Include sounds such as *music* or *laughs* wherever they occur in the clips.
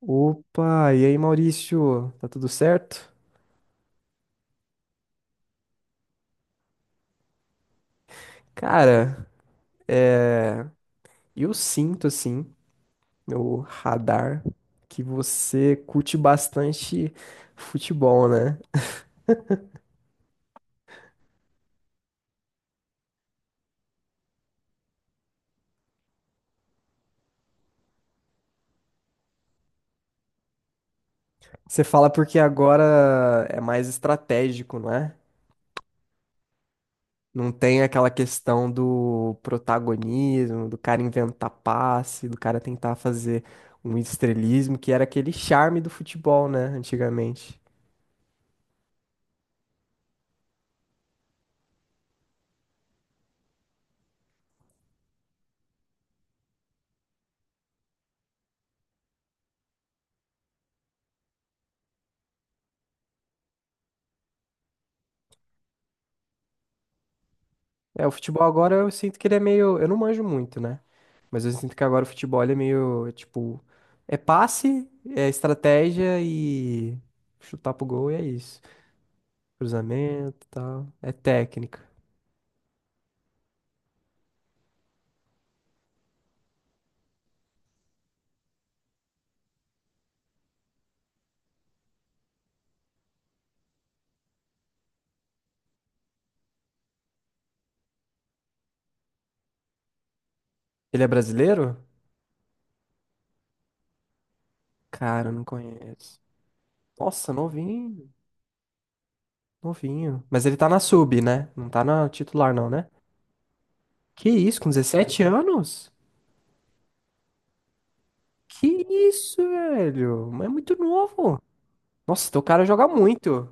Opa, e aí Maurício, tá tudo certo? Cara, é... eu sinto assim, no radar, que você curte bastante futebol, né? Você fala porque agora é mais estratégico, não é? Não tem aquela questão do protagonismo, do cara inventar passe, do cara tentar fazer um estrelismo, que era aquele charme do futebol, né, antigamente. É, o futebol agora eu sinto que ele é meio. Eu não manjo muito, né? Mas eu sinto que agora o futebol ele é meio, tipo, é passe, é estratégia e chutar pro gol e é isso. Cruzamento e tal. É técnica. Ele é brasileiro? Cara, eu não conheço. Nossa, novinho, novinho. Mas ele tá na sub, né? Não tá na titular, não, né? Que isso, com 17 anos? Que isso, velho? Mas é muito novo. Nossa, teu cara joga muito.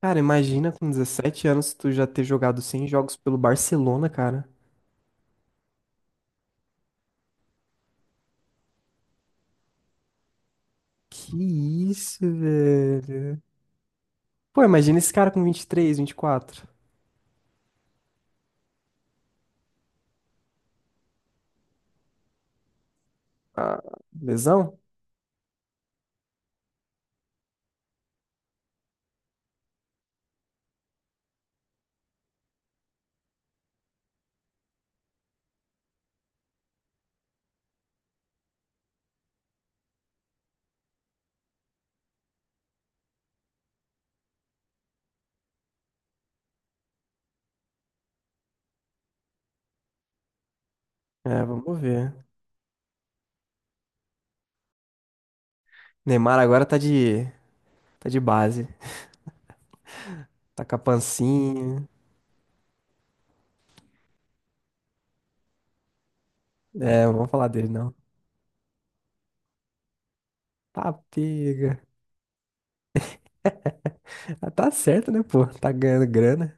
Cara, imagina com 17 anos tu já ter jogado 100 jogos pelo Barcelona, cara. Que isso, velho. Pô, imagina esse cara com 20, 23, 24. Ah, lesão? É, vamos ver. Neymar agora tá de base. Tá com a pancinha. É, não vamos falar dele, não. Tá pega. Ah, tá certo, né, pô? Tá ganhando grana.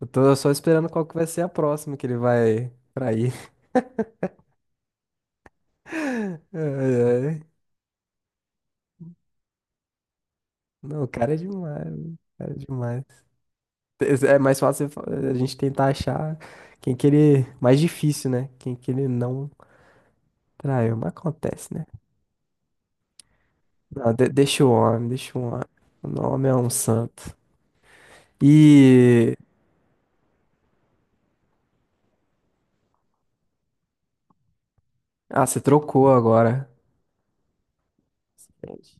Eu tô só esperando qual que vai ser a próxima que ele vai trair. *laughs* Ai, ai. Não, o cara é demais. O cara é demais. É mais fácil a gente tentar achar quem que ele. Mais difícil, né? Quem que ele não traiu. Mas acontece, né? Não, deixa o homem, deixa o homem. O nome é um santo. E. Ah, você trocou agora. Gente.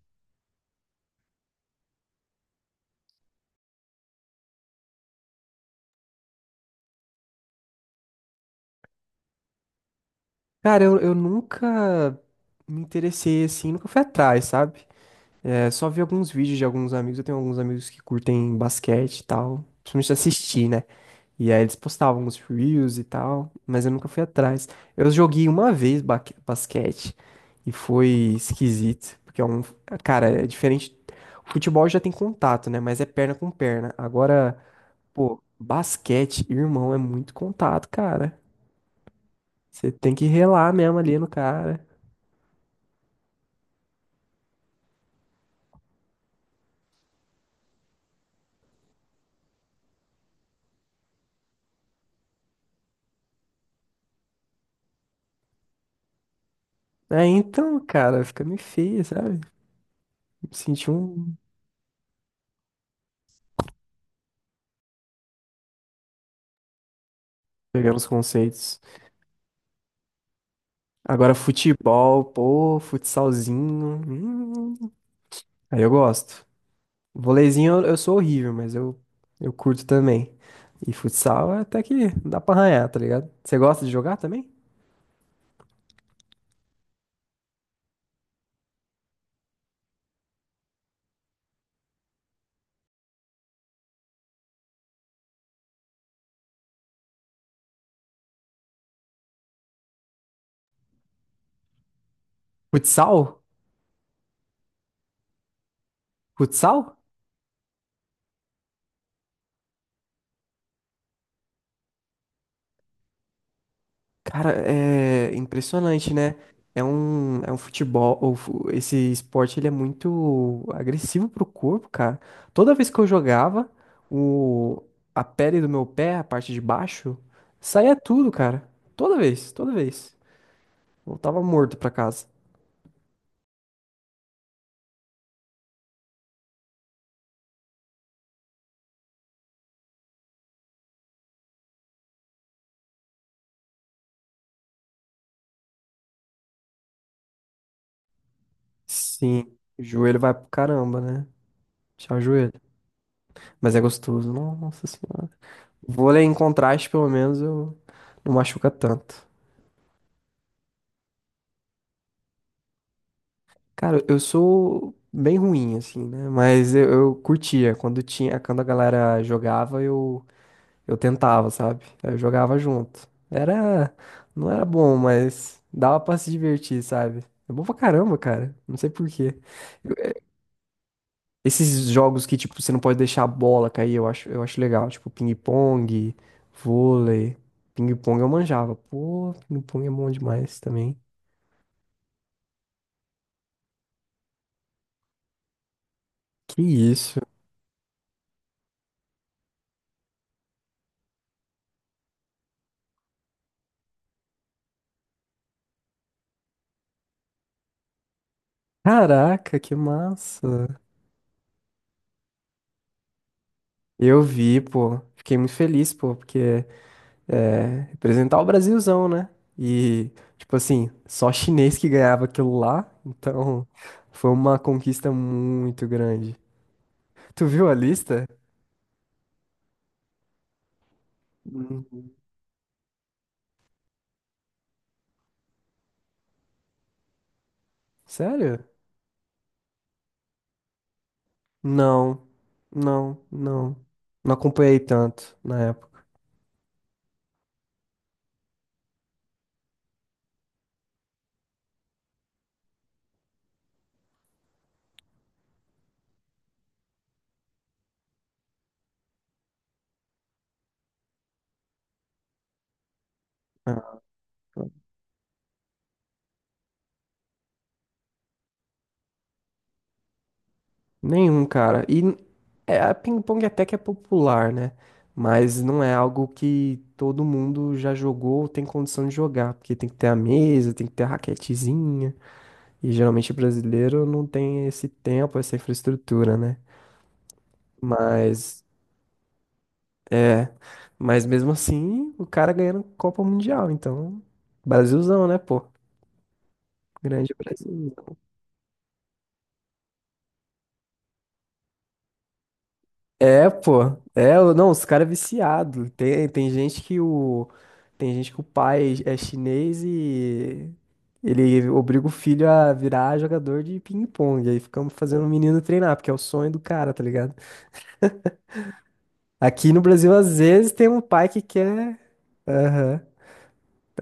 Cara, eu nunca me interessei assim, nunca fui atrás, sabe? É, só vi alguns vídeos de alguns amigos. Eu tenho alguns amigos que curtem basquete e tal. Principalmente assistir, né? E aí eles postavam os reels e tal, mas eu nunca fui atrás. Eu joguei uma vez basquete e foi esquisito, porque é um, cara, é diferente. O futebol já tem contato, né? Mas é perna com perna. Agora, pô, basquete, irmão, é muito contato, cara. Você tem que relar mesmo ali no cara. É, então, cara, fica meio feio, sabe? Me senti um. Pegando os conceitos. Agora, futebol, pô, futsalzinho. Hum, aí eu gosto. Voleizinho eu sou horrível, mas eu curto também. E futsal é até que dá pra arranhar, tá ligado? Você gosta de jogar também? Futsal? Futsal? Cara, é impressionante, né? É um futebol. Ou esse esporte ele é muito agressivo pro corpo, cara. Toda vez que eu jogava, o, a pele do meu pé, a parte de baixo, saía tudo, cara. Toda vez, toda vez. Voltava morto pra casa. Sim, o joelho vai pro caramba, né? Te ajoelho. Mas é gostoso, nossa senhora. Vôlei em contraste, pelo menos, eu não machuca tanto. Cara, eu sou bem ruim, assim, né? Mas eu curtia. Quando tinha, quando a galera jogava, eu tentava, sabe? Eu jogava junto. Era, não era bom, mas dava pra se divertir, sabe? É bom pra caramba, cara. Não sei por quê. Esses jogos que, tipo, você não pode deixar a bola cair, eu acho legal. Tipo, ping-pong, vôlei. Ping-pong eu manjava. Pô, ping-pong é bom demais também. Que isso? Caraca, que massa. Eu vi, pô. Fiquei muito feliz, pô, porque é representar o Brasilzão, né? E, tipo assim, só chinês que ganhava aquilo lá. Então, *laughs* foi uma conquista muito grande. Tu viu a lista? Uhum. Sério? Não, não, não. Não acompanhei tanto na época. Ah, nenhum, cara. É, a ping-pong até que é popular, né? Mas não é algo que todo mundo já jogou ou tem condição de jogar. Porque tem que ter a mesa, tem que ter a raquetezinha. E geralmente brasileiro não tem esse tempo, essa infraestrutura, né? Mas, é. Mas mesmo assim, o cara ganhando Copa Mundial. Então, Brasilzão, né, pô? Grande Brasil. É, pô. É, o- não, os caras é viciado. Tem, tem gente que o tem gente que o pai é chinês e ele obriga o filho a virar jogador de ping-pong. Aí ficamos fazendo o menino treinar, porque é o sonho do cara, tá ligado? Aqui no Brasil, às vezes, tem um pai que quer. Aham.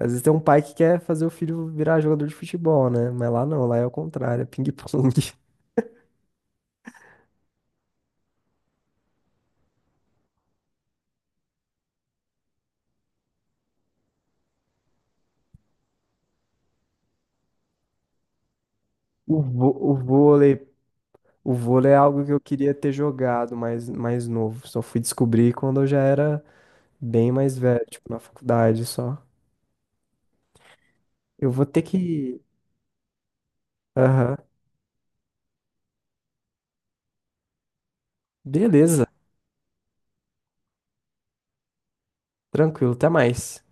Às vezes tem um pai que quer fazer o filho virar jogador de futebol, né? Mas lá não, lá é o contrário, é ping-pong. *laughs* O, o vôlei, o vôlei é algo que eu queria ter jogado mais, mais novo. Só fui descobrir quando eu já era bem mais velho, tipo, na faculdade só. Eu vou ter que. Aham. Beleza. Tranquilo. Até mais.